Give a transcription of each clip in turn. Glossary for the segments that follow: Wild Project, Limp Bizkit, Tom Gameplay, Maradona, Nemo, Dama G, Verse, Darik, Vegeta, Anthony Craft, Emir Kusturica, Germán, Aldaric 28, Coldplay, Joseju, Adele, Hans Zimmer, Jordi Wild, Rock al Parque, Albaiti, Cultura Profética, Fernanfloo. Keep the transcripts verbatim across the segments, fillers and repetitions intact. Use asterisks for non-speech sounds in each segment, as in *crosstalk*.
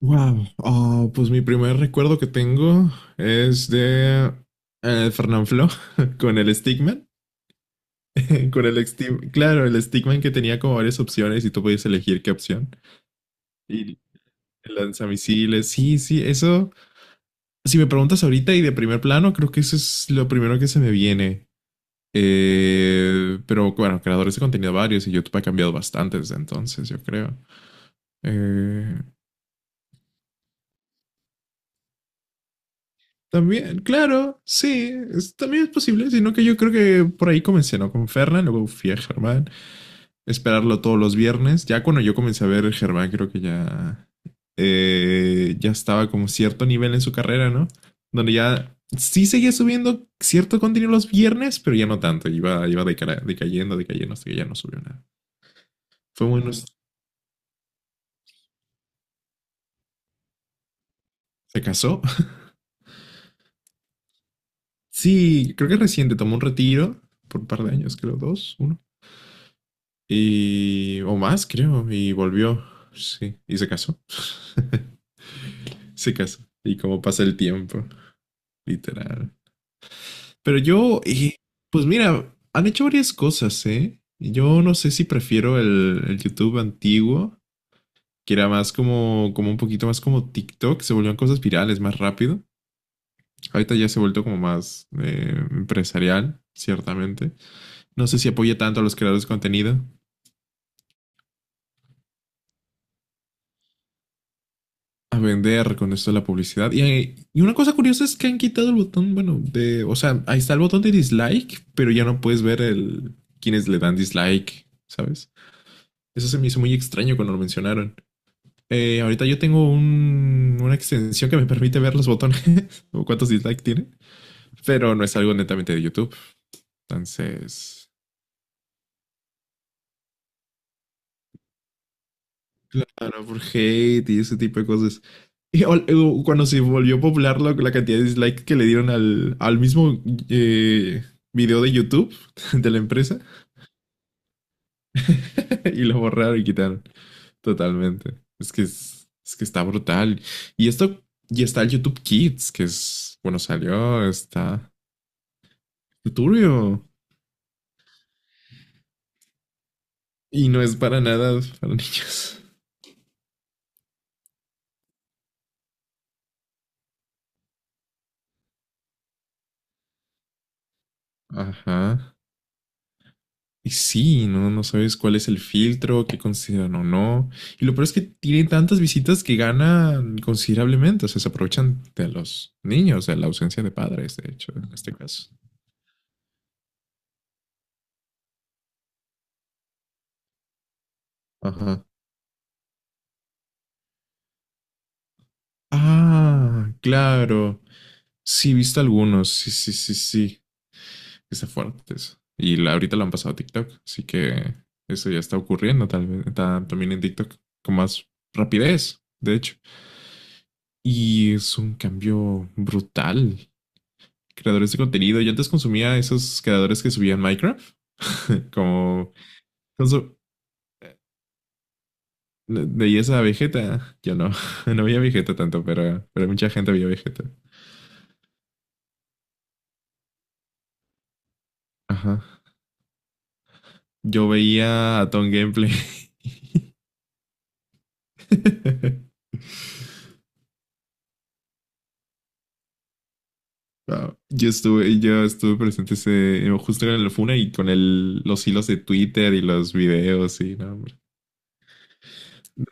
Wow, oh, pues mi primer recuerdo que tengo es de eh, Fernanfloo *laughs* con el Stickman, *laughs* con el Stickman, claro, el Stickman que tenía como varias opciones y tú podías elegir qué opción. Y el lanzamisiles, sí, sí, eso, si me preguntas ahorita y de primer plano, creo que eso es lo primero que se me viene. Eh, pero bueno, creadores de contenido varios y YouTube ha cambiado bastante desde entonces, yo creo. Eh, También, claro, sí, es- también es posible, sino que yo creo que por ahí comencé, ¿no? Con Fernan, luego fui a Germán, esperarlo todos los viernes. Ya cuando yo comencé a ver Germán, creo que ya, eh, ya estaba como cierto nivel en su carrera, ¿no? Donde ya sí seguía subiendo cierto contenido los viernes, pero ya no tanto, iba, iba deca- decayendo, decayendo, hasta que ya no subió nada. Fue bueno, se casó. *laughs* Sí, creo que reciente, tomó un retiro por un par de años, creo, dos, uno. Y, o más, creo. Y volvió. Sí. Y se casó. Se casó. Y como pasa el tiempo, literal. Pero yo, eh, pues mira, han hecho varias cosas, ¿eh? Yo no sé si prefiero el, el YouTube antiguo, que era más como, como un poquito más como TikTok, se volvían cosas virales más rápido. Ahorita ya se ha vuelto como más eh, empresarial, ciertamente. No sé si apoya tanto a los creadores de contenido, a vender con esto de la publicidad. Y, hay- y una cosa curiosa es que han quitado el botón, bueno, de, o sea, ahí está el botón de dislike, pero ya no puedes ver el quienes le dan dislike, ¿sabes? Eso se me hizo muy extraño cuando lo mencionaron. Eh, ahorita yo tengo un- una extensión que me permite ver los botones *laughs* o cuántos dislike tiene, pero no es algo netamente de YouTube. Entonces, claro, por hate y ese tipo de cosas. Y ol- eh, cuando se volvió popular lo- la cantidad de dislikes que le dieron al, al mismo eh, video de YouTube *laughs* de la empresa, *laughs* y lo borraron y quitaron totalmente. Es que, es, es que está brutal. Y esto, y está el YouTube Kids, que es, bueno, salió, está turbio y no es para nada para *laughs* niños. Ajá. Y sí, no, no sabes cuál es el filtro, qué consideran o no. Y lo peor es que tiene tantas visitas que ganan considerablemente. O sea, se aprovechan de los niños, de la ausencia de padres, de hecho, en este caso. Ajá. Ah, claro. Sí, he visto algunos. Sí, sí, sí, sí. Está fuerte eso. Y la- ahorita lo han pasado a TikTok. Así que eso ya está ocurriendo, tal vez ta- también en TikTok, con más rapidez, de hecho. Y es un cambio brutal. Creadores de contenido. Yo antes consumía esos creadores que subían Minecraft, *laughs* como veía esa Vegeta. Yo no, *laughs* no veía Vegeta tanto, pero, pero mucha gente veía Vegeta. Ajá. Yo veía a Tom Gameplay. *laughs* Wow. Yo estuve, yo estuve presente ese, justo en la funa y con el, los hilos de Twitter y los videos y no, hombre. No.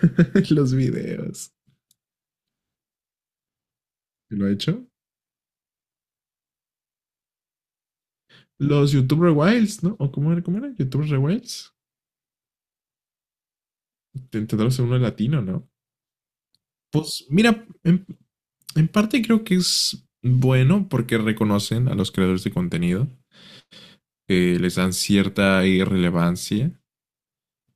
*laughs* Los videos. ¿Lo ha hecho? Los YouTuber Wilds, ¿no? ¿O cómo era? ¿Cómo era? ¿YouTuber Wilds? Intentar hacer uno latino, ¿no? Pues mira, en, en parte creo que es bueno porque reconocen a los creadores de contenido, que les dan cierta irrelevancia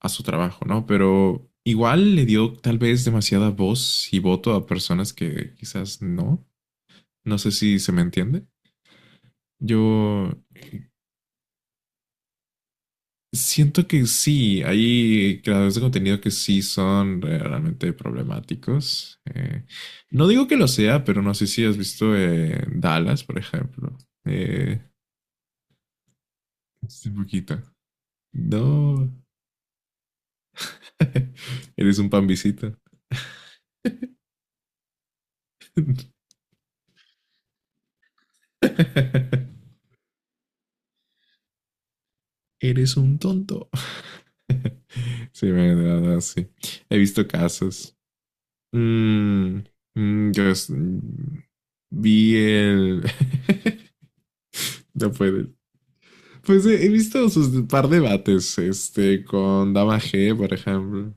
a su trabajo, ¿no? Pero igual le dio tal vez demasiada voz y voto a personas que quizás no. No sé si se me entiende. Yo siento que sí, hay creadores de contenido que sí son eh, realmente problemáticos. Eh, no digo que lo sea, pero no sé si has visto eh, Dallas, por ejemplo. Eh, un poquito. No, *laughs* eres un pambisita. *laughs* Eres un tonto. *laughs* Sí, bueno, de verdad, sí. He visto casos. Mm, mm, yo es- mm, vi el... *laughs* No puedo. Pues he, he visto sus de- par debates, este, con Dama G, por ejemplo.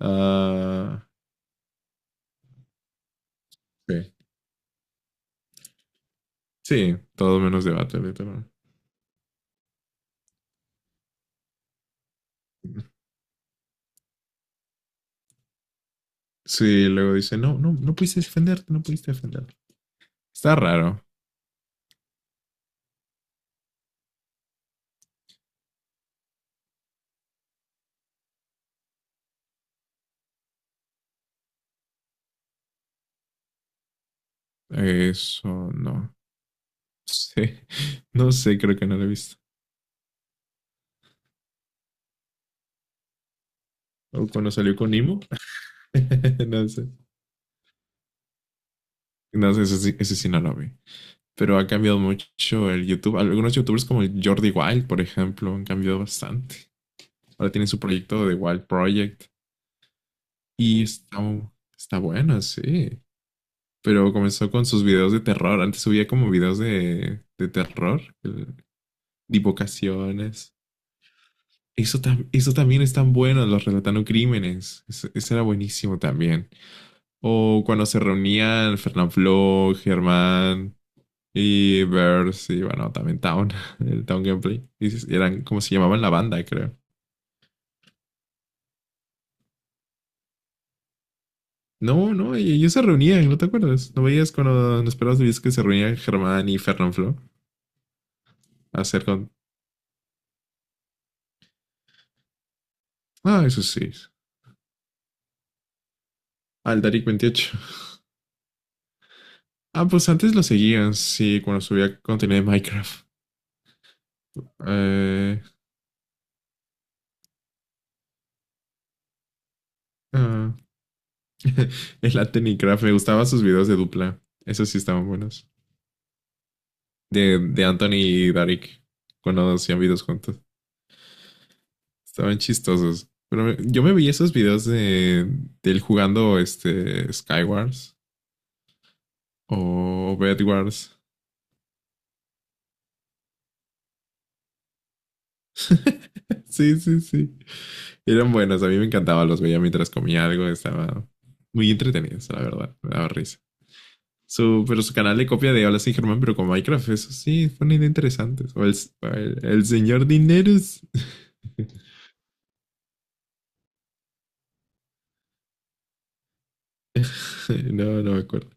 Ah, sí. Sí, todo menos debate, literal. Sí, luego dice, no, no, no pudiste defenderte, no pudiste defenderte. Está raro. Eso no sé. *laughs* No sé, creo que no lo he visto. O cuando salió con Nemo. *laughs* No sé. No sé, ese, sí- ese sí no lo vi. Pero ha cambiado mucho el YouTube. Algunos YouTubers como el Jordi Wild, por ejemplo, han cambiado bastante. Ahora tienen su proyecto de Wild Project y está, está bueno, sí. Pero comenzó con sus videos de terror. Antes subía como videos de, de terror, el- divulgaciones. Eso, tam- eso también es tan bueno, los relatando crímenes. Eso, eso era buenísimo también. O cuando se reunían Fernanfloo, Germán, y Verse, y bueno, también Town, *laughs* el Town Gameplay. Y s- eran como se llamaban la banda, creo. No, no, y ellos se reunían, ¿no te acuerdas? ¿No veías cuando nos esperabas veías que se reunían Germán y Fernanfloo a hacer con... Ah, eso sí. Aldaric veintiocho. Ah, pues antes lo seguían, sí, cuando subía contenido de Minecraft. Eh, ah, *laughs* el Anthony Craft, me gustaban sus videos de dupla. Esos sí estaban buenos. De, de Anthony y Darik, cuando hacían videos juntos. Estaban chistosos. Pero me- yo me veía esos videos de, de él jugando este Skywars o Bedwars. *laughs* Sí, sí, sí. Eran buenos. A mí me encantaba. Los veía mientras comía algo. Estaba muy entretenidos, la verdad. Me daba risa. Su, pero su canal de copia de Hola, sí, Germán, pero con Minecraft. Eso sí, fue una idea interesante. O el, o el, el señor Dineros. *laughs* No, no me acuerdo.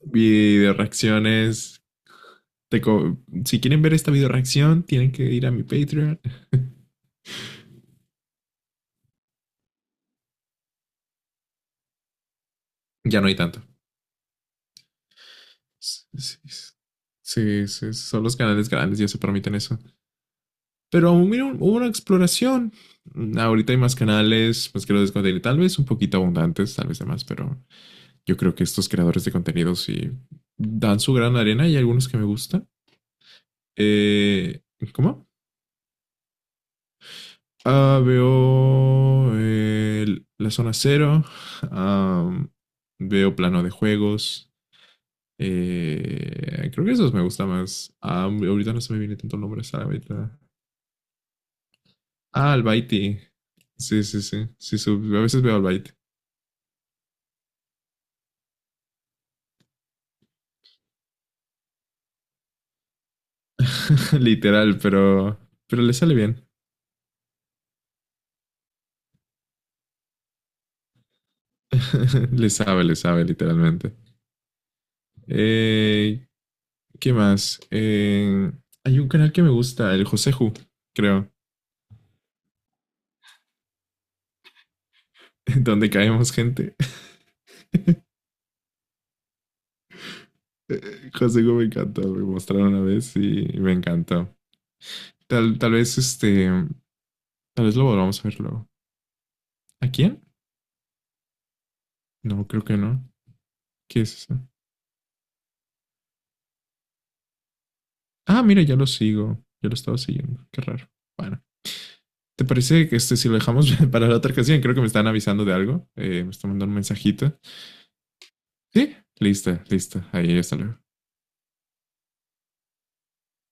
Video reacciones. Te co- si quieren ver esta video reacción, tienen que ir a mi Patreon. *laughs* Ya no hay tanto. Sí, sí, sí, son los canales grandes, ya se permiten eso. Pero mira, hubo una exploración. Ahorita hay más canales, pues que lo descontinué. Tal vez un poquito abundantes, tal vez demás, pero yo creo que estos creadores de contenidos sí dan su gran arena y hay algunos que me gustan. Eh, ¿Cómo? Ah, veo eh, la zona cero, ah, veo plano de juegos. Eh, creo que esos me gusta más. Ah, ahorita no se me viene tanto el nombre, ¿sabes? Ahorita. Ah, Albaiti. Sí, sí, sí. Sí su- a veces veo Albaiti. *laughs* Literal, pero, pero le sale bien. *laughs* Le sabe, le sabe, literalmente. Eh, ¿qué más? Eh, hay un canal que me gusta, el Joseju, creo, *laughs* donde caemos gente. *laughs* Eh, Joseju me encantó, me mostraron una vez y me encantó. Tal, tal vez este, tal vez lo volvamos a ver luego. ¿A quién? No, creo que no. ¿Qué es eso? Ah, mira, ya lo sigo. Yo lo estaba siguiendo. Qué raro. Bueno. ¿Te parece que este, si lo dejamos *laughs* para la otra ocasión? Creo que me están avisando de algo. Eh, me están mandando un mensajito. Sí, lista, lista. Ahí, hasta luego.